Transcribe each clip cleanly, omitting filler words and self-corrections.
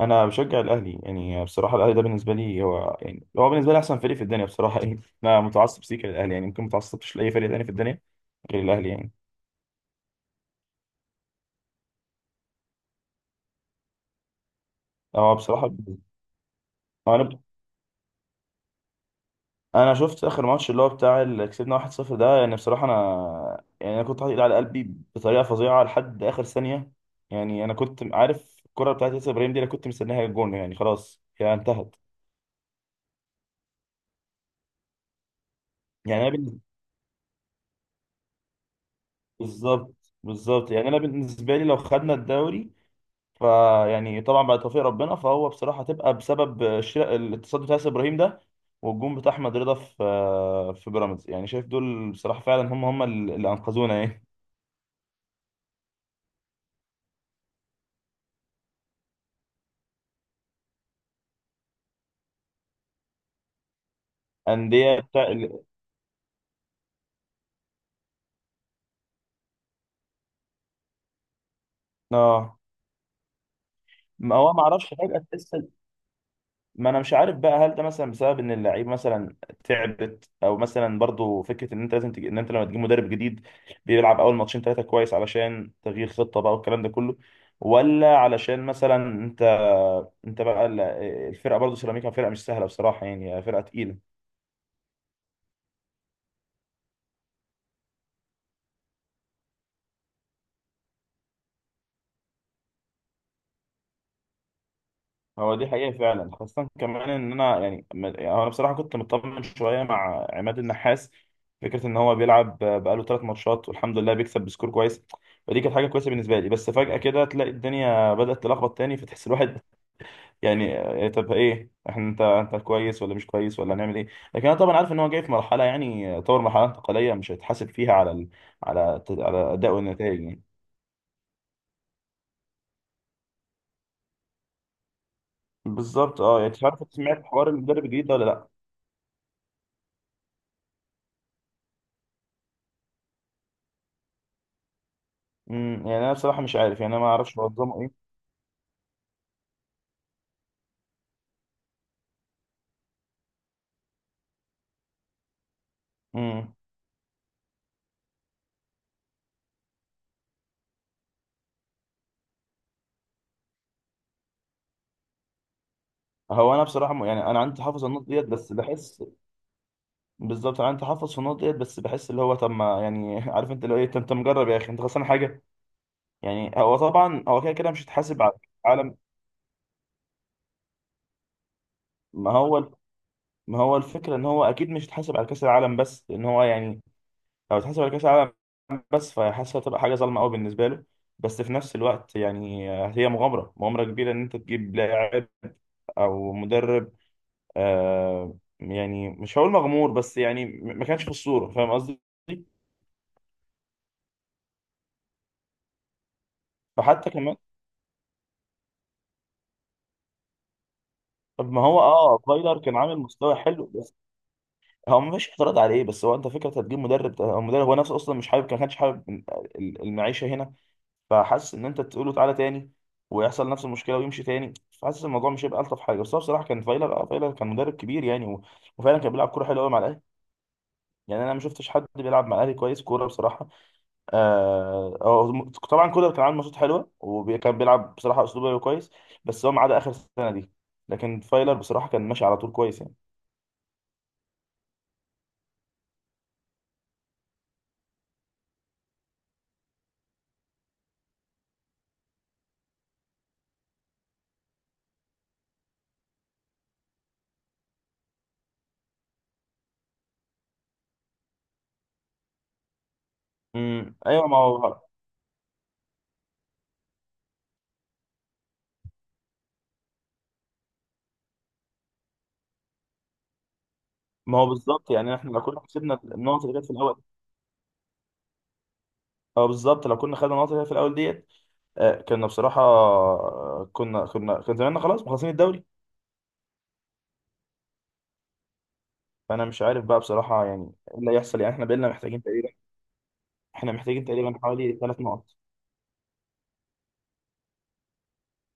انا بشجع الاهلي، يعني بصراحه الاهلي ده بالنسبه لي هو، يعني هو بالنسبه لي احسن فريق في الدنيا بصراحه. يعني انا متعصب سيكا للاهلي، يعني ممكن متعصبش لاي فريق تاني في الدنيا غير الاهلي. يعني هو بصراحه انا انا شفت اخر ماتش اللي هو بتاع اللي كسبنا 1-0 ده. يعني بصراحه انا كنت حاطط ايدي على قلبي بطريقه فظيعه لحد اخر ثانيه. يعني انا كنت عارف الكره بتاعت ياسر ابراهيم دي، انا كنت مستنيها الجون، يعني خلاص هي انتهت. يعني انا بال- بالظبط. بالظبط يعني انا بالنسبه لي لو خدنا الدوري فيعني طبعا بعد توفيق ربنا، فهو بصراحه تبقى بسبب الاتصال بتاع ياسر ابراهيم ده، والجون بتاع احمد رضا في في بيراميدز. يعني شايف دول بصراحه فعلا هم اللي انقذونا يعني. انديه بتاع ال- اه ما هو ما اعرفش فجاه تحس، ما انا مش عارف بقى، هل ده مثلا بسبب ان اللعيب مثلا تعبت، او مثلا برضو فكره ان انت لازم تج... ان انت لما تجيب مدرب جديد بيلعب اول ماتشين ثلاثه كويس علشان تغيير خطه بقى والكلام ده كله، ولا علشان مثلا انت انت بقى الفرقه برضو. سيراميكا فرقه مش سهله بصراحه، يعني فرقه تقيله. هو دي حقيقة فعلا، خاصة كمان إن أنا يعني أنا بصراحة كنت مطمن شوية مع عماد النحاس. فكرة إن هو بيلعب بقاله ثلاث ماتشات والحمد لله بيكسب بسكور كويس، فدي كانت حاجة كويسة بالنسبة لي، بس فجأة كده تلاقي الدنيا بدأت تلخبط تاني، فتحس الواحد يعني، طب إيه إحنا، أنت كويس ولا مش كويس ولا هنعمل إيه؟ لكن أنا طبعا عارف إن هو جاي في مرحلة، يعني آه، طور مرحلة انتقالية مش هيتحاسب فيها على على أداء والنتائج يعني. بالظبط. أه يعني مش عارف، سمعت حوار المدرب الجديد ده ولا لأ؟ يعني انا بصراحه مش عارف، يعني انا ما اعرفش منظمه ايه. امم هو انا بصراحه انا عندي تحفظ على النقط ديت، بس بحس، بالظبط انا عندي تحفظ في النقط ديت، بس بحس اللي هو طب ما يعني عارف انت اللي هو ايه؟ انت مجرب يا اخي، انت خسران حاجه؟ يعني هو طبعا هو كده كده مش هيتحاسب على كأس العالم. ما هو ما هو الفكره ان هو اكيد مش هيتحاسب على كاس العالم، بس لان هو يعني لو اتحاسب على كاس العالم بس، فحاسس هتبقى حاجه ظالمه قوي بالنسبه له. بس في نفس الوقت يعني هي مغامره كبيره ان انت تجيب لاعب او مدرب. آه، يعني مش هقول مغمور، بس يعني ما كانش في الصورة، فاهم قصدي؟ فحتى كمان، طب ما هو اه فايلر كان عامل مستوى حلو، بس هو ما فيش اعتراض عليه. بس هو انت فكره هتجيب مدرب، هو المدرب هو نفسه اصلا مش حابب، ما كانش حابب المعيشه هنا. فحاسس ان انت تقول له تعالى تاني، ويحصل نفس المشكله ويمشي تاني، فحاسس الموضوع مش هيبقى الطف حاجه. بس هو بصراحه كان فايلر، اه فايلر كان مدرب كبير يعني، وفعلا كان بيلعب كوره حلوه قوي مع الاهلي. يعني انا ما شفتش حد بيلعب مع الاهلي كويس كوره بصراحه. آه هو طبعا كولر كان عامل ماتشات حلوه، وكان بيلعب بصراحه اسلوب لعبه كويس، بس هو ما عدا اخر سنه دي. لكن فايلر بصراحه كان ماشي على طول كويس يعني. ايوه ما هو، ما هو بالظبط. يعني احنا لو كنا كسبنا النقط اللي كانت في الاول، اه بالظبط لو كنا خدنا النقط اللي كانت في الاول ديت، آه كنا بصراحه، كنا كان زماننا خلاص مخلصين الدوري. فانا مش عارف بقى بصراحه يعني ايه اللي هيحصل. يعني احنا بقينا محتاجين تقريبا، احنا محتاجين تقريبا حوالي ثلاث نقط.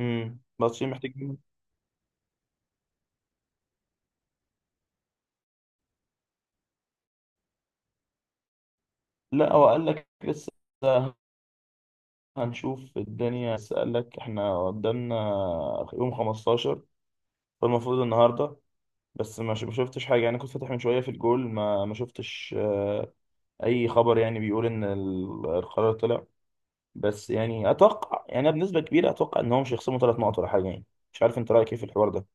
ماتشين محتاجين. لا هو قال لك لسه هنشوف الدنيا، اسألك احنا قدامنا يوم 15، فالمفروض النهارده، بس ما شفتش حاجة يعني، كنت فاتح من شوية في الجول، ما ما شفتش أي خبر يعني بيقول إن القرار طلع. بس يعني أتوقع، يعني أنا بنسبة كبيرة أتوقع إن هو مش هيخصموا ثلاث نقط ولا حاجة يعني. مش عارف أنت رأيك إيه في الحوار ده.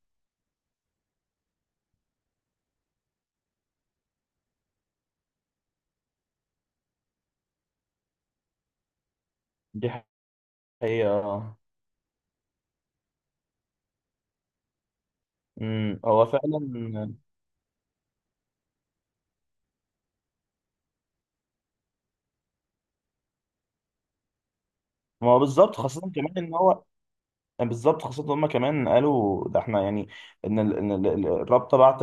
دي حقيقة آه. أمم، هو فعلا. ما هو بالظبط، خاصة كمان إن هو، يعني بالظبط، خاصة إن هما كمان قالوا ده، احنا يعني ان الرابطة بعت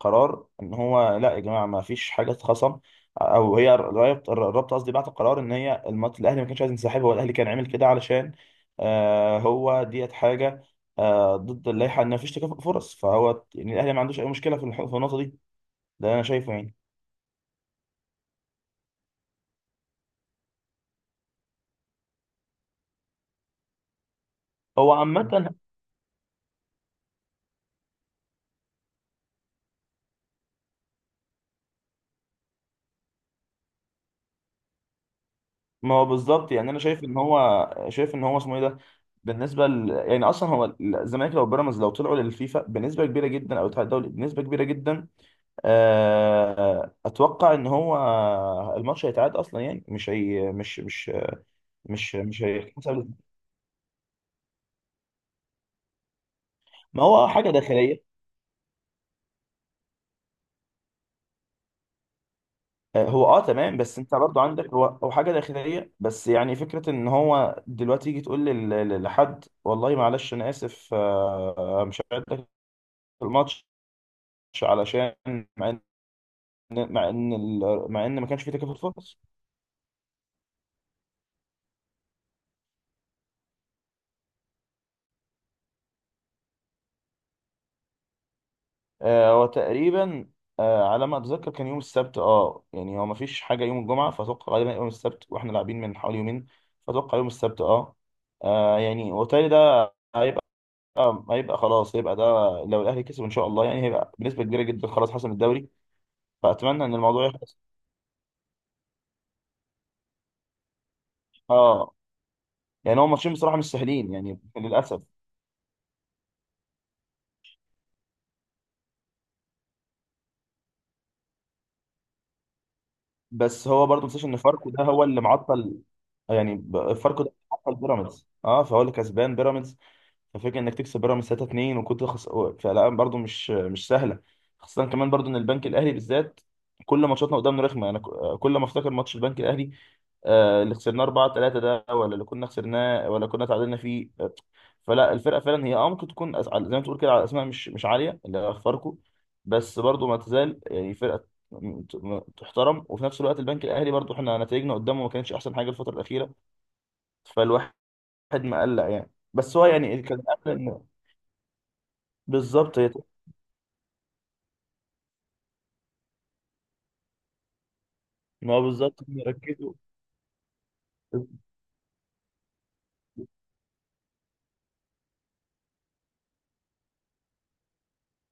قرار ان هو لا يا جماعة ما فيش حاجة اتخصم. او هي الرابطة، الرابطة قصدي، بعت قرار ان هي الماتش الاهلي ما كانش عايز ينسحب، هو الاهلي كان عامل كده علشان آه هو ديت حاجة آه ضد اللائحة، ان ما فيش تكافؤ فرص، فهو يعني الاهلي ما عندوش اي مشكلة في في النقطة دي، ده انا شايفه يعني. هو عامة ما هو بالظبط، يعني انا شايف ان هو شايف ان هو اسمه ايه ده، يعني اصلا هو الزمالك لو بيراميدز، لو طلعوا للفيفا بنسبه كبيره جدا او الاتحاد الدولي بنسبه كبيره جدا، آه، اتوقع ان هو الماتش هيتعاد اصلا، يعني مش هي مش مش مش مش هيحسب. ما هو آه، حاجه داخليه. آه، هو اه تمام، بس انت برضو عندك هو حاجه داخليه، بس يعني فكره ان هو دلوقتي يجي تقول لحد والله معلش انا اسف آه، مش هعد لك الماتش، علشان مع ان مع ان ما كانش في تكافل فرص. آه، هو تقريبا، آه، على ما اتذكر كان يوم السبت. اه يعني هو ما فيش حاجه يوم الجمعه، فاتوقع غالبا يوم السبت، واحنا لاعبين من حوالي يومين، فاتوقع يوم السبت اه. آه، يعني وبالتالي ده هيبقى، هيبقى خلاص هيبقى ده لو الاهلي كسب ان شاء الله، يعني هيبقى بنسبه كبيره جدا خلاص حسم الدوري. فاتمنى ان الموضوع يخلص. اه يعني هو ماتشين بصراحه مش سهلين يعني للاسف. بس هو برضه مفيش، ان فاركو ده هو اللي معطل، يعني فاركو ده اللي معطل بيراميدز اه، فهو اللي كسبان بيراميدز. ففكرة انك تكسب بيراميدز 3-2 فالألعاب برضو مش سهله. خاصه كمان برضو ان البنك الاهلي بالذات كل ماتشاتنا قدامنا رخمه، انا كل ما افتكر ماتش البنك الاهلي آه، اللي خسرناه 4-3 ده، ولا اللي كنا خسرناه ولا كنا تعادلنا فيه آه، فلا الفرقه فعلا هي اه ممكن تكون زي ما تقول كده على اسماء مش عاليه اللي هي فاركو، بس برضو ما تزال يعني فرقه تحترم. وفي نفس الوقت البنك الاهلي برضو احنا نتائجنا قدامه ما كانتش احسن حاجه الفتره الاخيره، فالواحد مقلق يعني، بس هو يعني كان بالظبط هي. ما هو بالظبط هم يركزوا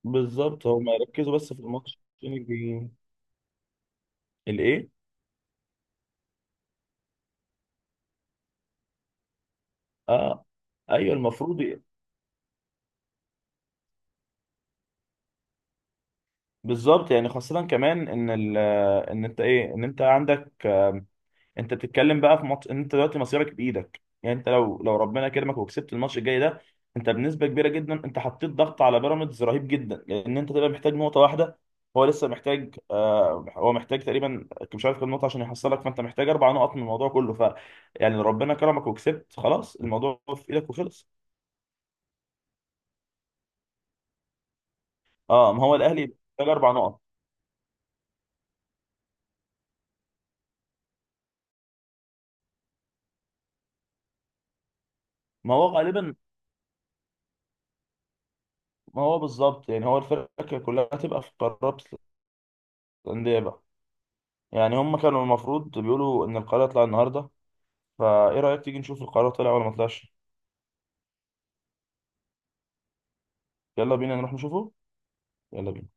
بالظبط هم يركزوا بس في الماتش الجاي. الايه؟ اه ايوه المفروض بالظبط يعني خاصة كمان ان ال، ان انت ايه، ان انت عندك، انت بتتكلم بقى في ماتش انت دلوقتي مصيرك بايدك، يعني انت لو لو ربنا كرمك وكسبت الماتش الجاي ده، انت بنسبه كبيره جدا انت حطيت ضغط على بيراميدز رهيب جدا، لان انت تبقى محتاج نقطه واحده. هو لسه محتاج آه هو محتاج تقريبا، مش عارف كام نقطه عشان يحصلك، فانت محتاج اربع نقط من الموضوع كله، ف يعني لو ربنا كرمك وكسبت خلاص الموضوع في ايدك وخلص. اه ما هو الاهلي محتاج اربع نقط. ما هو غالبا، ما هو بالظبط، يعني هو الفرقه كلها هتبقى في قرابه الانديه بقى. يعني هم كانوا المفروض بيقولوا ان القرار يطلع النهارده، فايه رأيك تيجي نشوف القرار طلع ولا ما طلعش؟ يلا بينا نروح نشوفه. يلا بينا.